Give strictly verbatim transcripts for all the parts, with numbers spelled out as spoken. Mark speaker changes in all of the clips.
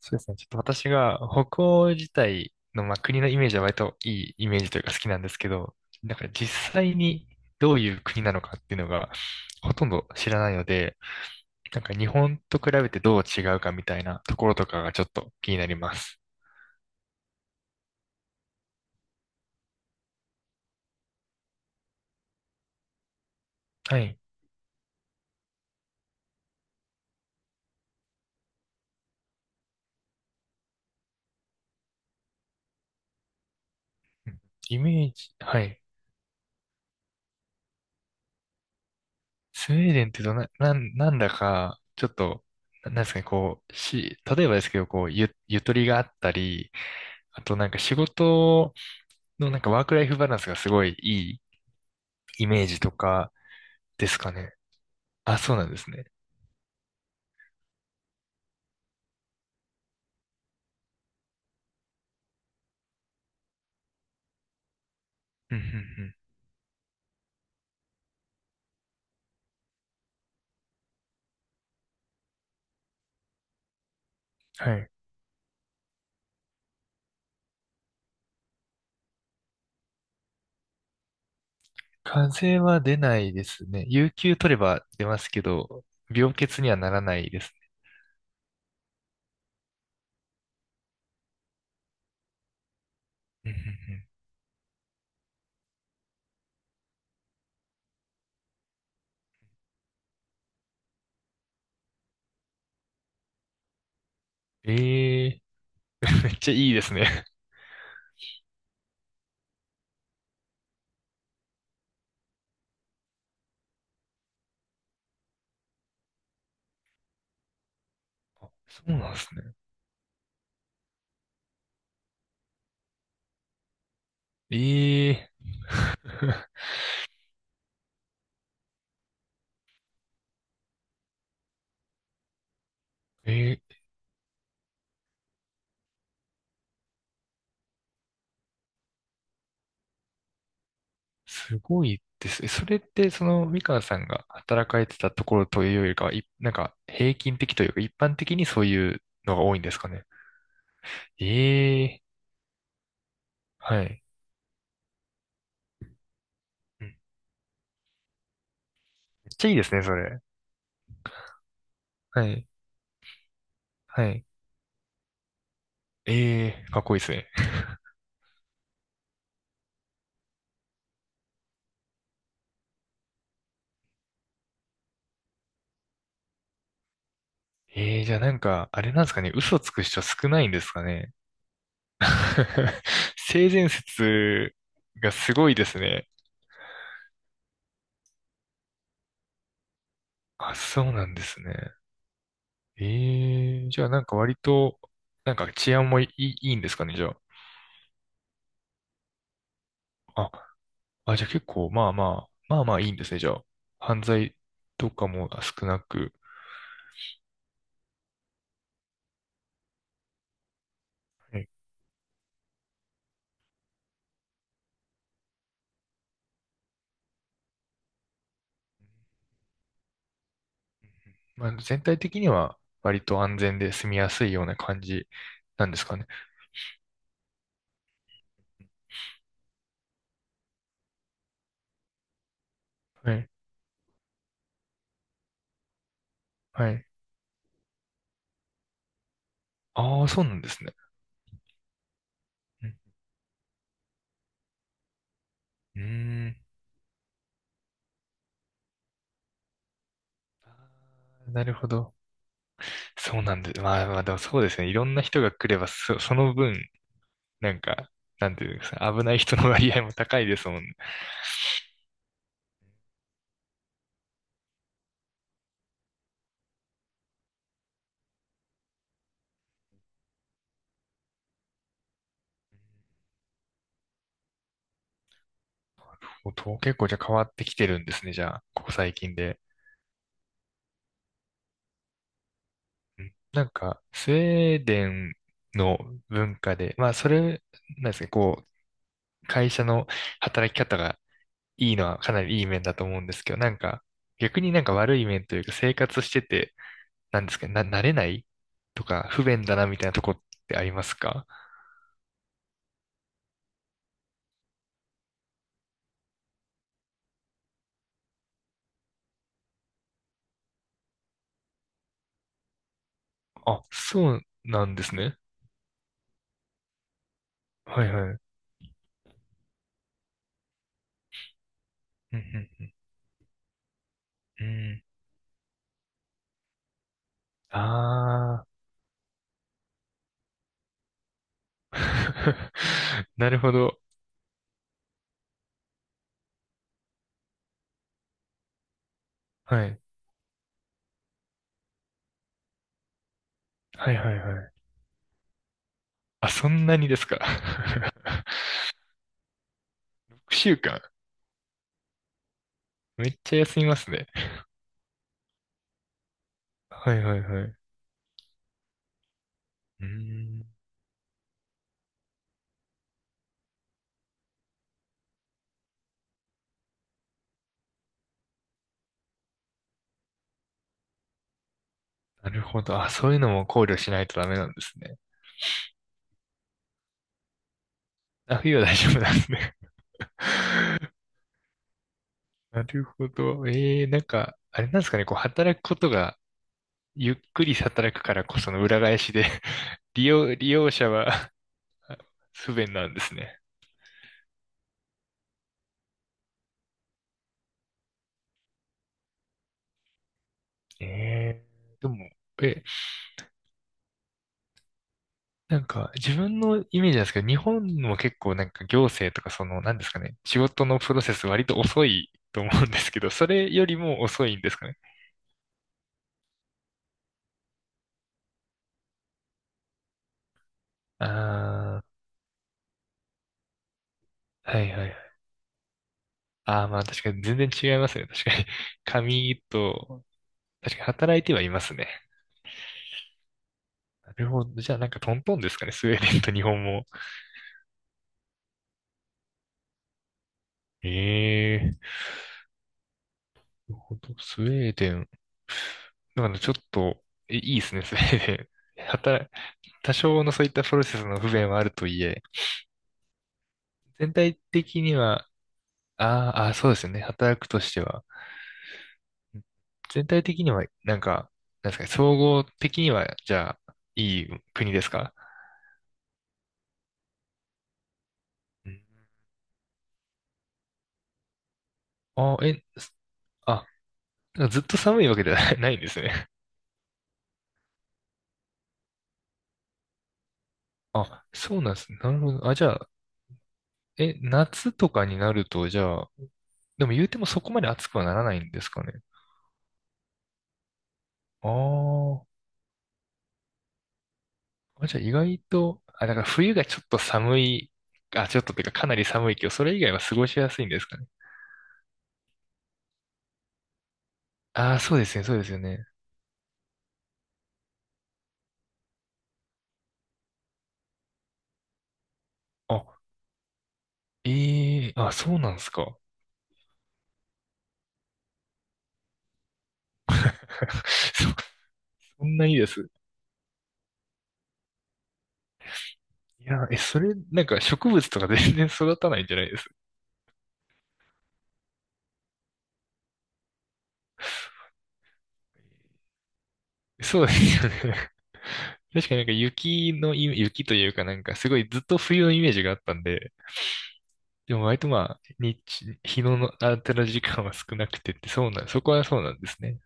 Speaker 1: そうですね。ちょっと私が北欧自体の、まあ、国のイメージは割といいイメージというか好きなんですけど、だから実際にどういう国なのかっていうのがほとんど知らないので、なんか日本と比べてどう違うかみたいなところとかがちょっと気になります。はい。うん。イメージ、はい。スウェーデンってどな、なん、なんだか、ちょっと、ななんですかね、こう、し、例えばですけど、こう、ゆ、ゆとりがあったり、あとなんか仕事のなんかワークライフバランスがすごいいいイメージとかですかね。あ、そうなんですね。うんうんうん。はい。風邪は出ないですね。有給取れば出ますけど、病欠にはならないですね。うんうんうん。ええー、めっちゃいいですね。そうなんですね。ええー えーすごいですね。それって、その、みかんさんが働かれてたところというよりかは、い、なんか、平均的というか、一般的にそういうのが多いんですかね。ええー、はい。うん。めっちゃいいですね、それ。はい。はい。ええー、かっこいいですね。ええー、じゃあなんか、あれなんですかね、嘘つく人少ないんですかね。性善説がすごいですね。あ、そうなんですね。ええー、じゃあなんか割と、なんか治安もいい、いいんですかね、じゃあ。あ、あ、じゃあ結構、まあまあ、まあまあいいんですね、じゃあ。犯罪とかも少なく。はい。まあ、全体的には割と安全で住みやすいような感じなんですかね。はい。はい。ああ、そうなんですね。うん。うーん。なるほど。そうなんで、まあまあでもそうですね。いろんな人が来れば、そ、その分、なんか、なんていうんですか、危ない人の割合も高いですもんね。もうと結構じゃあ変わってきてるんですね、じゃあ、ここ最近で。うん。なんか、スウェーデンの文化で、まあそれ、なんですか、こう、会社の働き方がいいのはかなりいい面だと思うんですけど、なんか、逆になんか悪い面というか、生活してて、なんですけど、な、慣れないとか、不便だなみたいなとこってありますか？あ、そうなんですね。はいはい。うんうんうん。うん。ああー。なるほど。はい。はいはいはい。あ、そんなにですか。ろくしゅうかん。めっちゃ休みますね。はいはいはい。うーん。なるほど。あ、そういうのも考慮しないとダメなんですね。あ、冬は大丈夫なんですね。なるほど。ええ、なんか、あれなんですかね、こう、働くことが、ゆっくり働くからこその裏返しで 利用、利用者は 不便なんですね。ええ。でも、え、なんか、自分のイメージなんですけど、日本も結構なんか行政とかその、なんですかね、仕事のプロセス割と遅いと思うんですけど、それよりも遅いんですかね。ああ、はいはいはい。ああ、まあ確かに全然違いますね。確かに。紙と、確かに働いてはいますね。なるほど。じゃあなんかトントンですかね、スウェーデンと日本も。ええー。なるほど。スウェーデン。だからちょっと、えいいですね、スウェーデン。働、多少のそういったプロセスの不便はあるとはいえ、全体的には、あーあー、そうですよね、働くとしては。全体的には、なんか、なんですかね、総合的には、じゃあ、いい国ですか？うん。あ、え、すあ、ずっと寒いわけではない ないんですね。あ、そうなんですね。なるほど。あ、じゃあ、え、夏とかになると、じゃあ、でも言うてもそこまで暑くはならないんですかね。あー。あ、じゃあ意外と、あ、だから冬がちょっと寒い、あ、ちょっとっていうかかなり寒いけど、それ以外は過ごしやすいんですかね。ああ、そうですね、そうですよね。あ、ええ、あ、そうなんですか。そ、そんないいです。いや、え、それ、なんか植物とか全然育たないんじゃないです。そうですよね。確かになんか雪のイ雪というかなんかすごいずっと冬のイメージがあったんで、でも割とまあ、日日の当たる時間は少なくてって、そうな、そこはそうなんですね。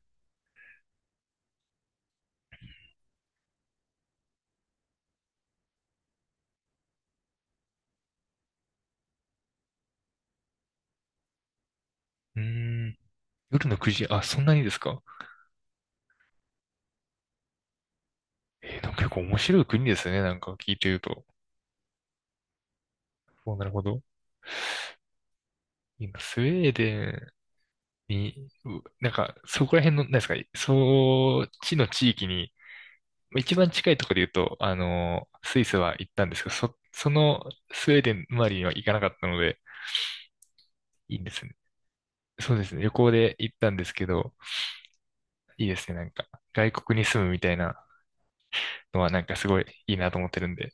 Speaker 1: うーん。夜のくじ、あ、そんなにですか？えーなんか結構面白い国ですね。なんか聞いてると。お、なるほど。今、スウェーデンに、うなんか、そこら辺の、なんですか、そっちの地域に、まあ一番近いところで言うと、あの、スイスは行ったんですけど、そ、そのスウェーデン周りには行かなかったので、いいんですね。そうですね。旅行で行ったんですけど、いいですね。なんか、外国に住むみたいなのはなんかすごいいいなと思ってるんで、